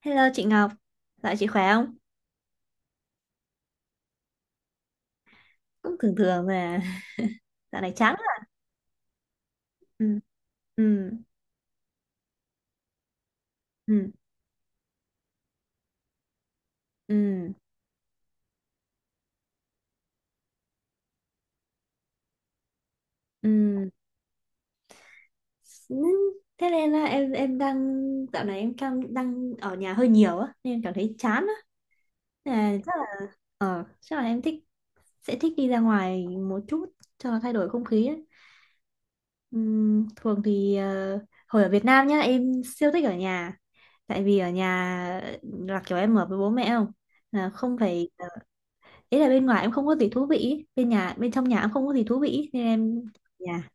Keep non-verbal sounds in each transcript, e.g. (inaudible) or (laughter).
Hello chị Ngọc, dạo chị khỏe không? Cũng thường thường mà, (laughs) dạo này chán lắm. Ừ, ừ, ừ, ừ, ừ. Ừ, thế nên là em đang dạo này em đang đang ở nhà hơi nhiều á, nên em cảm thấy chán á. Nên là chắc là em thích sẽ thích đi ra ngoài một chút cho thay đổi không khí á. Thường thì hồi ở Việt Nam nhá em siêu thích ở nhà, tại vì ở nhà là kiểu em ở với bố mẹ không, là không phải, ý là bên ngoài em không có gì thú vị ý. Bên nhà, bên trong nhà em không có gì thú vị ý, nên em nhà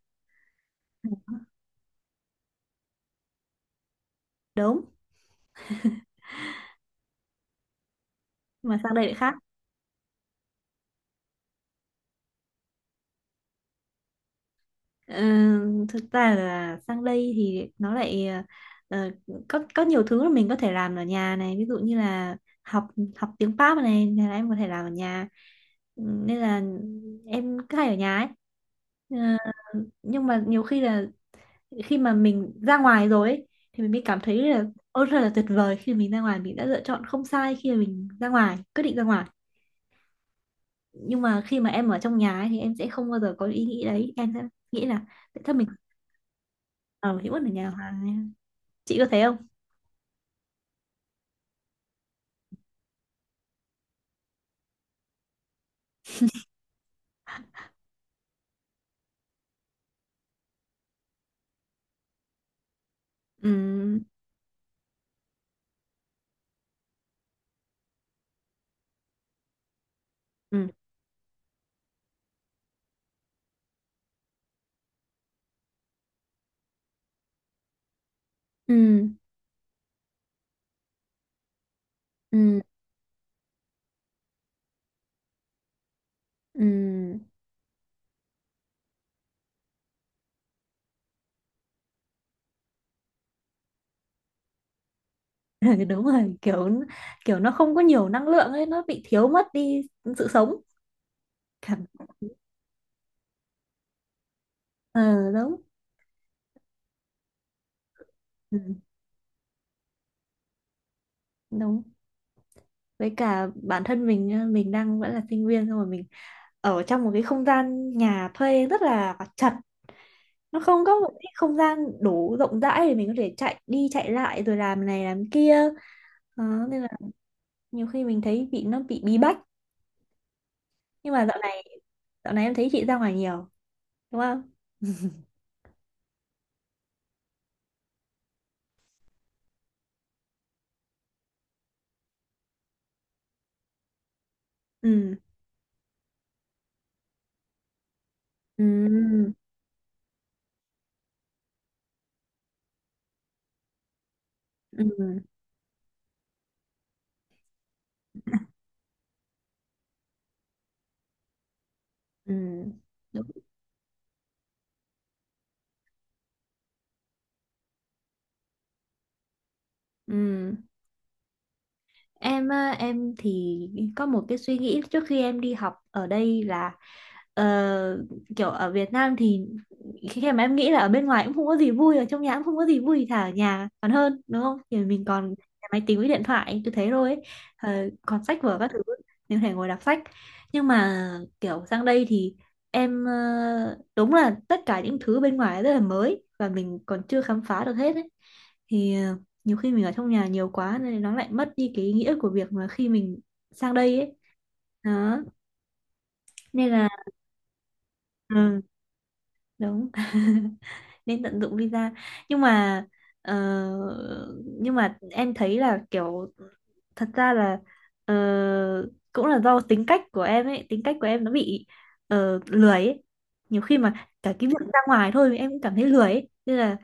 đúng, nhưng mà sang đây lại khác. Ờ, Thực ra là sang đây thì nó lại ờ, có nhiều thứ mà mình có thể làm ở nhà này, ví dụ như là học học tiếng Pháp này là em có thể làm ở nhà. Ừ, nên là em cứ hay ở nhà ấy. Ờ, nhưng mà nhiều khi là khi mà mình ra ngoài rồi ấy, thì mình mới cảm thấy là ôi thật là tuyệt vời khi mình ra ngoài, mình đã lựa chọn không sai khi mà mình ra ngoài quyết định ra ngoài, nhưng mà khi mà em ở trong nhà ấy, thì em sẽ không bao giờ có ý nghĩ đấy, em sẽ nghĩ là tại sao mình ở nhà hoài, chị có thấy không? Ừ, ừ, ừ, ừ, ừ. (laughs) Đúng rồi, kiểu kiểu nó không có nhiều năng lượng ấy, nó bị thiếu mất đi sự sống. Cảm ờ Đúng. Ừ, đúng, với cả bản thân mình nhá, mình đang vẫn là sinh viên, xong rồi mình ở trong một cái không gian nhà thuê rất là chật, nó không có một cái không gian đủ rộng rãi để mình có thể chạy đi chạy lại rồi làm này làm kia, đó, nên là nhiều khi mình thấy bị, nó bị bí bách. Nhưng mà dạo này em thấy chị ra ngoài nhiều, đúng không? Ừ, ừ, ừ, ừ, ừ, đúng. Ừ. Em á, em thì có một cái suy nghĩ trước khi em đi học ở đây là ờ, kiểu ở Việt Nam thì khi mà em nghĩ là ở bên ngoài cũng không có gì vui, ở trong nhà cũng không có gì vui, thì thà ở nhà còn hơn đúng không, thì mình còn máy tính với điện thoại tôi thấy rồi ấy. Còn sách vở các thứ mình có thể ngồi đọc sách. Nhưng mà kiểu sang đây thì em, đúng là tất cả những thứ bên ngoài rất là mới và mình còn chưa khám phá được hết ấy, thì nhiều khi mình ở trong nhà nhiều quá nên nó lại mất đi cái ý nghĩa của việc mà khi mình sang đây ấy, đó, nên là ừ, đúng. (laughs) Nên tận dụng visa. Nhưng mà ờ, nhưng mà em thấy là kiểu thật ra là ờ, cũng là do tính cách của em ấy, tính cách của em nó bị lười ấy. Nhiều khi mà cả cái việc ra ngoài thôi em cũng cảm thấy lười ấy, nên là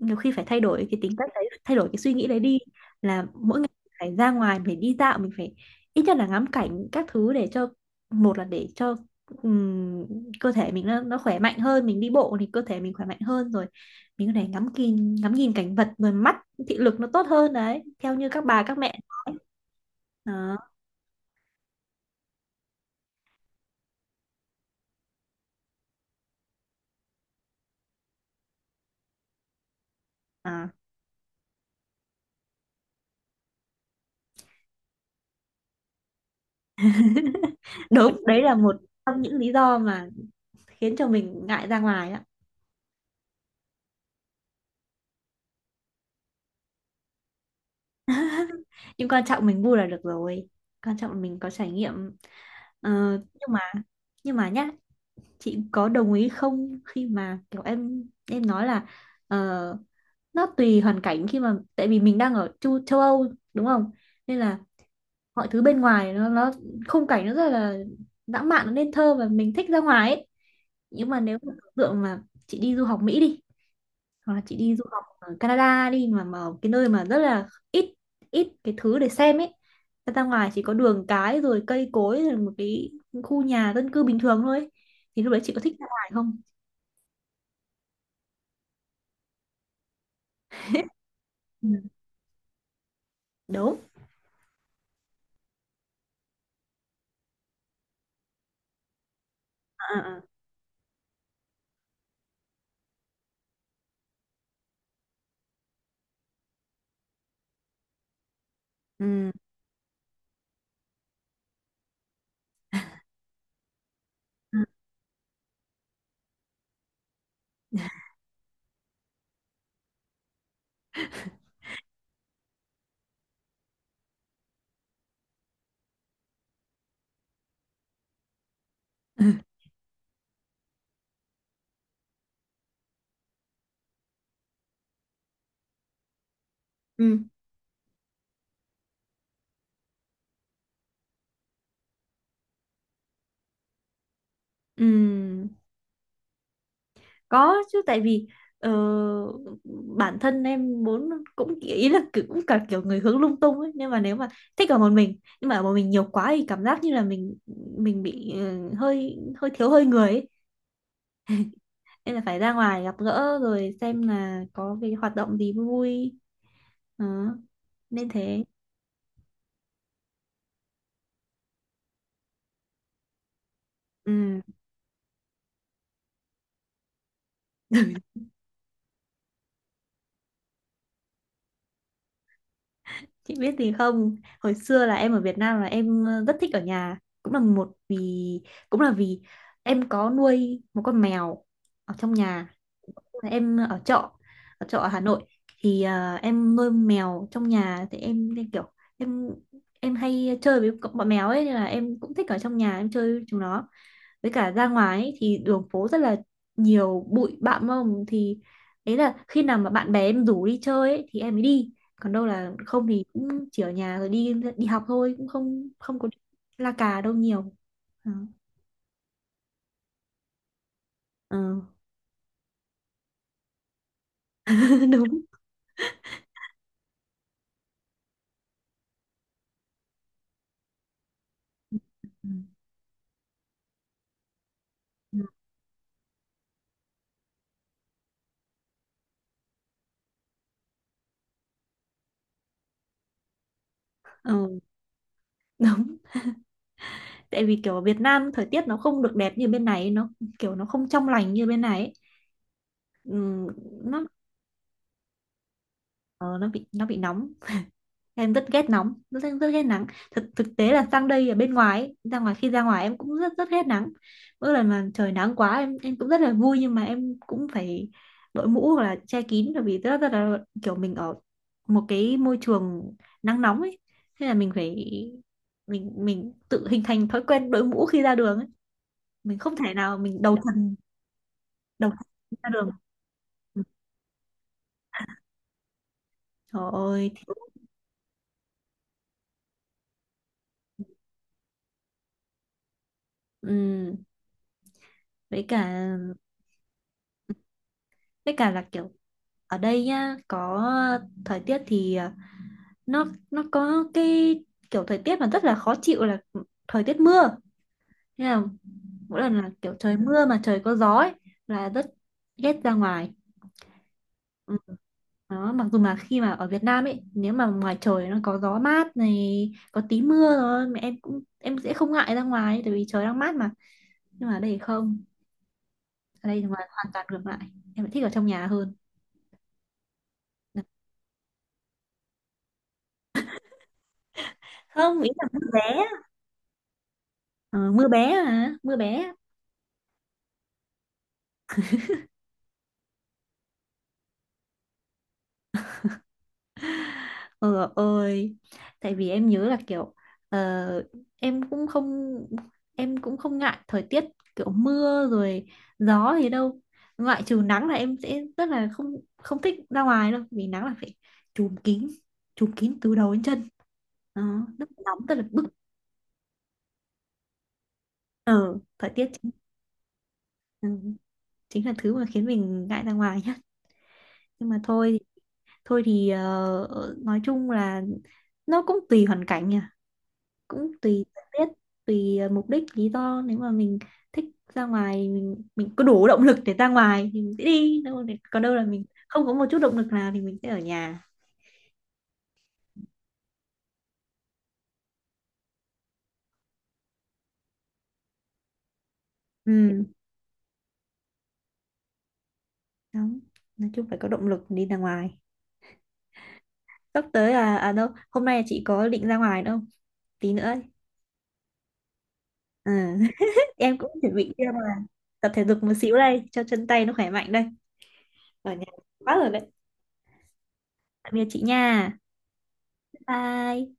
nhiều khi phải thay đổi cái tính cách đấy, thay đổi cái suy nghĩ đấy đi, là mỗi ngày phải ra ngoài, phải đi dạo, mình phải ít nhất là ngắm cảnh các thứ để cho, một là để cho, ừm, cơ thể mình nó khỏe mạnh hơn, mình đi bộ thì cơ thể mình khỏe mạnh hơn rồi, mình có thể ngắm nhìn cảnh vật rồi mắt, thị lực nó tốt hơn đấy, theo như các bà các mẹ nói đó. À, đúng, đấy là một trong những lý do mà khiến cho mình ngại ra ngoài đó. Nhưng quan trọng mình vui là được rồi, quan trọng là mình có trải nghiệm. Ờ, nhưng mà nhưng mà nhá, chị có đồng ý không khi mà kiểu em nói là ờ, nó tùy hoàn cảnh, khi mà tại vì mình đang ở châu Âu, đúng không, nên là mọi thứ bên ngoài nó khung cảnh nó rất là lãng mạn, nó nên thơ và mình thích ra ngoài ấy. Nhưng mà nếu mà tưởng tượng mà chị đi du học Mỹ đi, hoặc là chị đi du học ở Canada đi, mà ở cái nơi mà rất là ít ít cái thứ để xem ấy, ra ra ngoài chỉ có đường cái rồi cây cối rồi một cái khu nhà dân cư bình thường thôi ấy, thì lúc đấy chị có thích ra ngoài không? Ừ, đúng. À, à, à. Ừ. Ừ. Ừ. Ừ. Có chứ, tại vì ờ, bản thân em muốn cũng ý là kiểu- cũng cả kiểu người hướng lung tung ấy, nhưng mà nếu mà thích ở một mình nhưng mà ở một mình nhiều quá thì cảm giác như là mình bị hơi hơi thiếu hơi người ấy. Nên là phải ra ngoài gặp gỡ rồi xem là có cái hoạt động gì vui vui, đó, nên thế. Ừ. (laughs) Chị biết gì không, hồi xưa là em ở Việt Nam là em rất thích ở nhà, cũng là vì em có nuôi một con mèo ở trong nhà, em ở trọ, ở Hà Nội, thì em nuôi mèo trong nhà thì em nên kiểu em hay chơi với bọn mèo ấy, nên là em cũng thích ở trong nhà em chơi với chúng nó. Với cả ra ngoài ấy, thì đường phố rất là nhiều bụi bặm mông, thì đấy là khi nào mà bạn bè em rủ đi chơi ấy, thì em mới đi, còn đâu là không thì cũng chỉ ở nhà rồi đi đi học thôi, cũng không không có la cà đâu nhiều. Ờ. Ờ. (laughs) Đúng. Ừ. Ừ. Ờ, đúng, tại vì kiểu ở Việt Nam thời tiết nó không được đẹp như bên này, nó kiểu nó không trong lành như bên này ấy. Ừm, nó ờ, nó bị nóng, em rất ghét nóng, rất rất ghét nắng. Thực thực tế là sang đây ở bên ngoài ấy, ra ngoài khi ra ngoài em cũng rất rất ghét nắng, mỗi lần mà trời nắng quá em cũng rất là vui nhưng mà em cũng phải đội mũ hoặc là che kín, bởi vì rất rất là kiểu mình ở một cái môi trường nắng nóng ấy, thế là mình phải, mình tự hình thành thói quen đội mũ khi ra đường ấy, mình không thể nào mình đầu tuần độc ra đường. Ừ. Trời ơi. Thì- ừm, với cả với cả là kiểu ở đây nhá, có thời tiết thì nó nó có cái kiểu thời tiết mà rất là khó chịu là thời tiết mưa. Thế là mỗi lần là kiểu trời mưa mà trời có gió ấy, là rất ghét ra ngoài. Ừ. Đó, mặc dù là khi mà ở Việt Nam ấy, nếu mà ngoài trời nó có gió mát này, có tí mưa rồi, mà em cũng em sẽ không ngại ra ngoài, tại vì trời đang mát mà. Nhưng mà ở đây thì không, ở đây ngoài hoàn toàn ngược lại, em lại thích ở trong nhà hơn. Không, ý là mưa bé. Ờ, mưa bé, à, mưa bé. Ờ ơi Tại vì em nhớ là kiểu ờ, em cũng không em cũng không ngại thời tiết kiểu mưa rồi gió gì đâu, ngoại trừ nắng là em sẽ rất là không không thích ra ngoài đâu, vì nắng là phải trùm kín, trùm kín từ đầu đến chân, đó rất là nóng, rất là bức. Ờ Thời tiết chính, ừ, chính là thứ mà khiến mình ngại ra ngoài nhá. Nhưng mà thôi, thôi thì nói chung là nó cũng tùy hoàn cảnh nhỉ, cũng tùy thời tiết, tùy mục đích lý do, nếu mà mình thích ra ngoài mình có đủ động lực để ra ngoài thì mình sẽ đi đâu để- còn đâu là mình không có một chút động lực nào thì mình sẽ ở nhà. Ừ, đúng, nói chung phải có động lực đi ra ngoài. Sắp tới là, đâu hôm nay chị có định ra ngoài đâu, tí nữa ấy. Ừ. (laughs) Em cũng chuẩn bị đi ra ngoài tập thể dục một xíu đây cho chân tay nó khỏe mạnh đây, ở nhà quá rồi đấy. Tạm biệt chị nha. Bye.